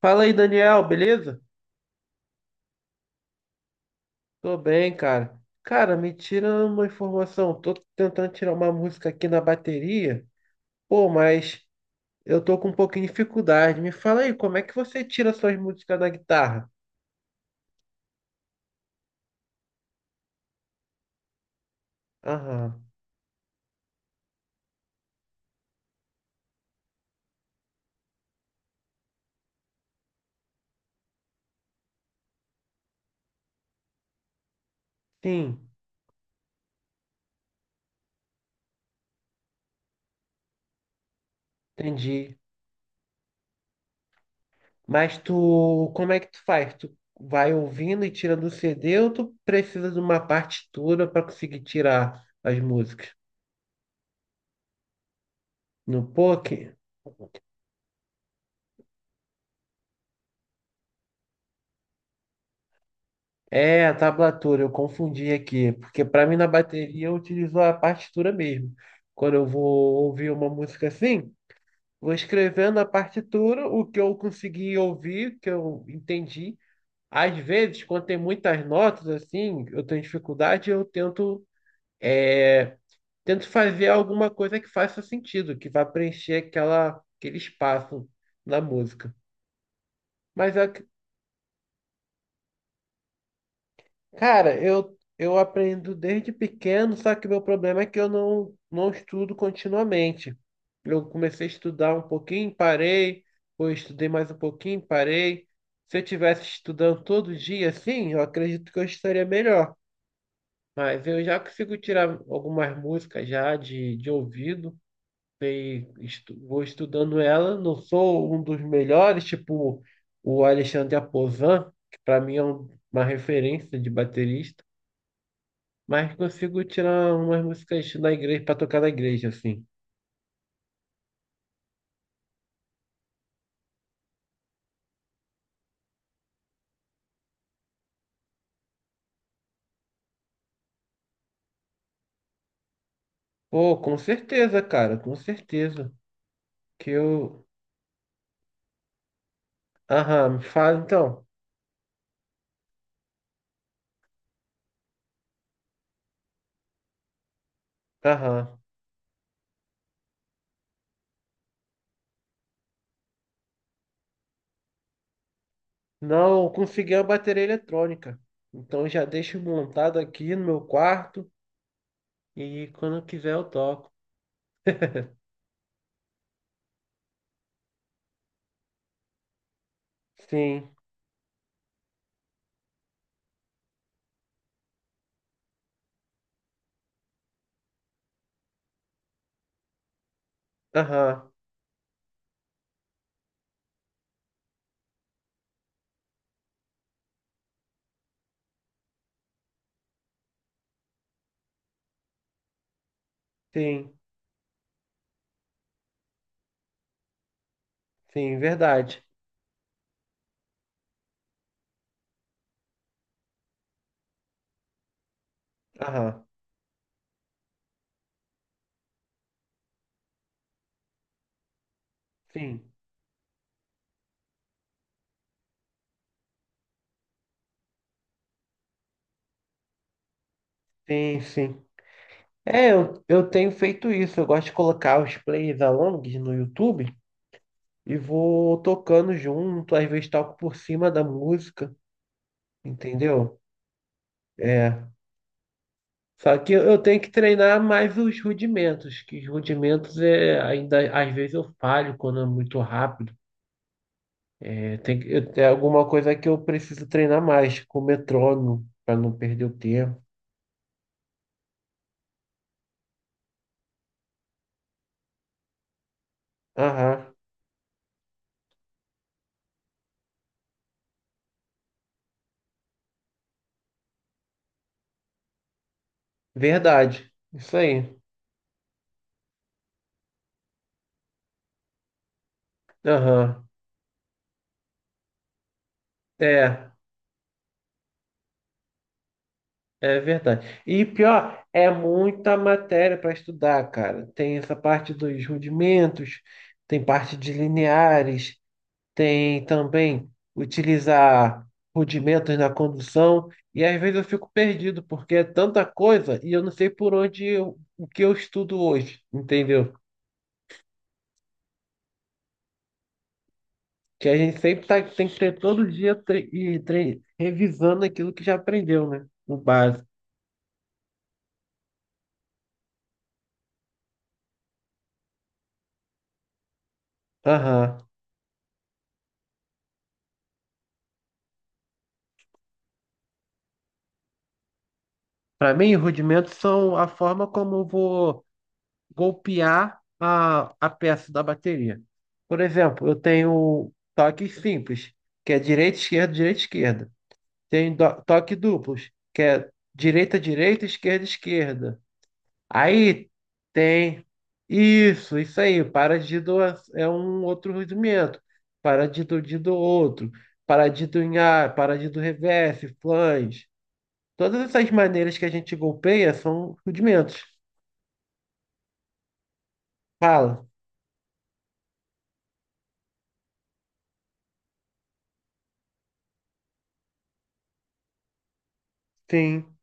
Fala aí, Daniel, beleza? Tô bem, cara. Cara, me tira uma informação. Tô tentando tirar uma música aqui na bateria. Pô, mas eu tô com um pouquinho de dificuldade. Me fala aí, como é que você tira suas músicas da guitarra? Aham, sim, entendi. Mas tu, como é que tu faz? Tu vai ouvindo e tira do CD ou tu precisa de uma partitura pra conseguir tirar as músicas? No POC? É, a tablatura, eu confundi aqui, porque para mim na bateria eu utilizo a partitura mesmo. Quando eu vou ouvir uma música assim, vou escrevendo a partitura, o que eu consegui ouvir, que eu entendi. Às vezes, quando tem muitas notas assim, eu tenho dificuldade, eu tento, é, tento fazer alguma coisa que faça sentido, que vá preencher aquela, aquele espaço na música. Mas eu Cara, eu aprendo desde pequeno, só que meu problema é que eu não estudo continuamente. Eu comecei a estudar um pouquinho, parei, depois estudei mais um pouquinho, parei. Se eu tivesse estudando todo dia, assim, eu acredito que eu estaria melhor. Mas eu já consigo tirar algumas músicas já de ouvido, sei, vou estudando ela. Não sou um dos melhores, tipo o Alexandre Aposan, que para mim é uma referência de baterista. Mas consigo tirar umas músicas da igreja para tocar na igreja, assim. Pô, com certeza, cara, com certeza. Que eu. Aham, me fala então. Aham. Não consegui a bateria eletrônica. Então já deixo montado aqui no meu quarto e quando eu quiser eu toco. Sim, aham, sim, sim, verdade. Aham, sim, sim, sim. É, eu tenho feito isso. Eu gosto de colocar os plays alongs no YouTube, e vou tocando junto, às vezes toco por cima da música, entendeu? É. Só que eu tenho que treinar mais os rudimentos, que os rudimentos é ainda às vezes eu falho quando é muito rápido. É, tem que, é alguma coisa que eu preciso treinar mais com o metrônomo para não perder o tempo. Aham, verdade. Isso aí. Aham. É. É verdade. E pior, é muita matéria para estudar, cara. Tem essa parte dos rudimentos, tem parte de lineares, tem também utilizar rudimentos na condução. E às vezes eu fico perdido, porque é tanta coisa e eu não sei por onde o que eu estudo hoje, entendeu? Que a gente sempre tá, tem que ter todo dia revisando aquilo que já aprendeu, né? O básico. Aham. Para mim, rudimentos são a forma como eu vou golpear a peça da bateria. Por exemplo, eu tenho toques simples, que é direita, esquerda, direita, esquerda. Tenho toque duplos, que é direita, direita, esquerda, esquerda. Aí tem isso, isso aí. Paradido é um outro rudimento. Paradido de do outro. Paradido em ar, paradido reverse, flange. Todas essas maneiras que a gente golpeia são rudimentos. Fala. Sim.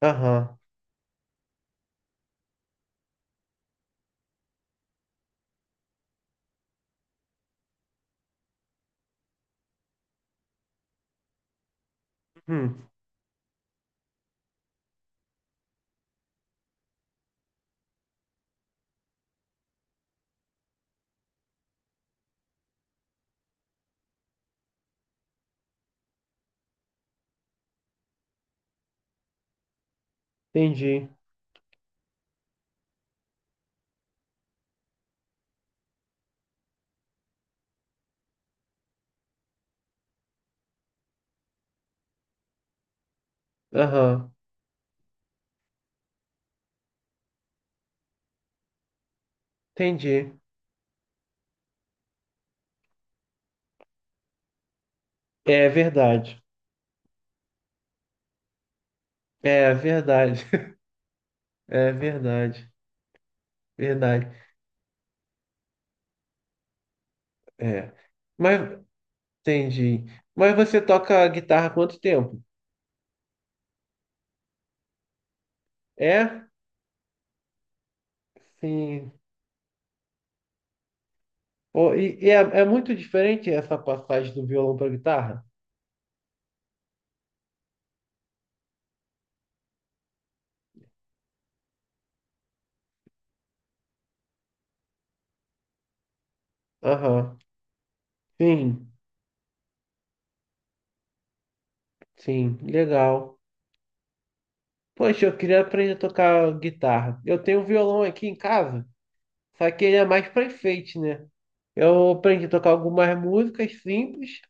Aham. Hum. Entendi. Aham. Entendi. É verdade. É verdade. É verdade. Verdade. É. Mas entendi. Mas você toca guitarra há quanto tempo? É? Sim. Pô, e é muito diferente essa passagem do violão para guitarra? Aham. Sim. Sim. Legal. Poxa, eu queria aprender a tocar guitarra. Eu tenho um violão aqui em casa, só que ele é mais para enfeite, né? Eu aprendi a tocar algumas músicas simples,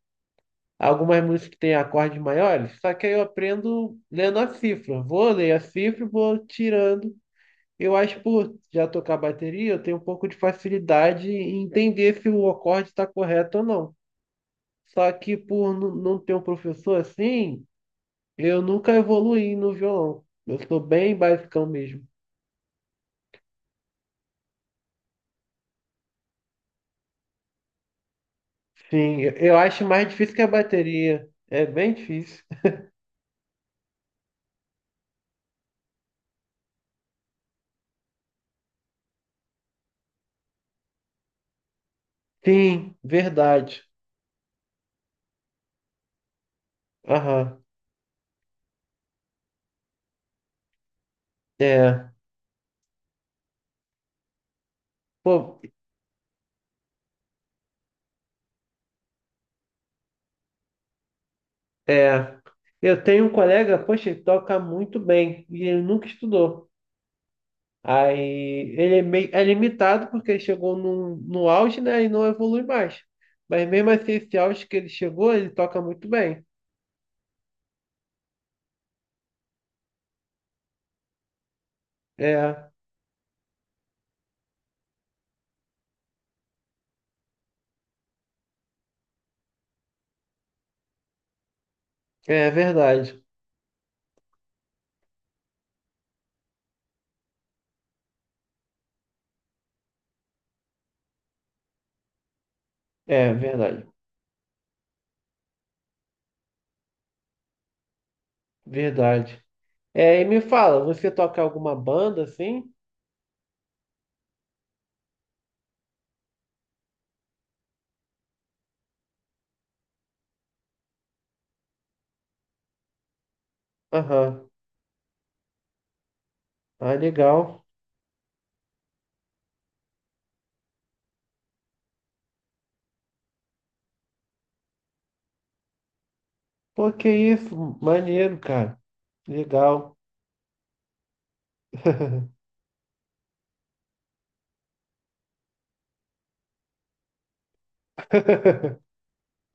algumas músicas que têm acordes maiores, só que aí eu aprendo lendo a cifra. Vou ler a cifra, e vou tirando. Eu acho que por já tocar bateria, eu tenho um pouco de facilidade em entender se o acorde está correto ou não. Só que por não ter um professor assim, eu nunca evoluí no violão. Eu sou bem basicão mesmo. Sim, eu acho mais difícil que a bateria. É bem difícil. Sim, verdade. Aham. É. Pô, é, eu tenho um colega, poxa, ele toca muito bem e ele nunca estudou. Aí ele é meio limitado porque ele chegou no auge, né, e não evolui mais. Mas mesmo assim, esse auge que ele chegou, ele toca muito bem. É, é verdade. É verdade. Verdade. É, e me fala, você toca alguma banda assim? Aham. Ah, legal. Pô, que isso? Maneiro, cara. Legal.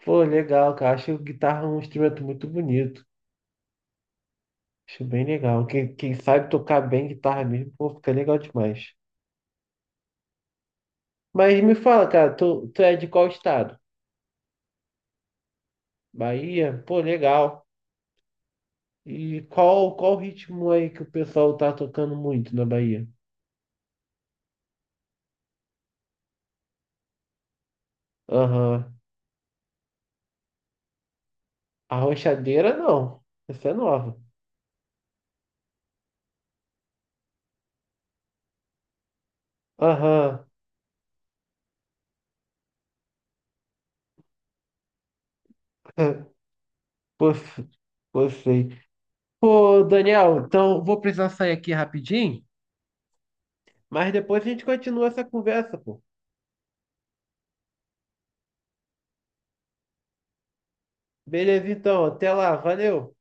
Pô, legal, cara. Acho guitarra um instrumento muito bonito. Acho bem legal. Quem sabe tocar bem guitarra mesmo, pô, fica legal demais. Mas me fala, cara, tu é de qual estado? Bahia? Pô, legal. E qual ritmo aí que o pessoal tá tocando muito na Bahia? Aham. Arrochadeira, não. Essa é nova. Aham. Pô, f- pô, sei. Pô, Daniel, então vou precisar sair aqui rapidinho, mas depois a gente continua essa conversa, pô. Beleza, então. Até lá. Valeu.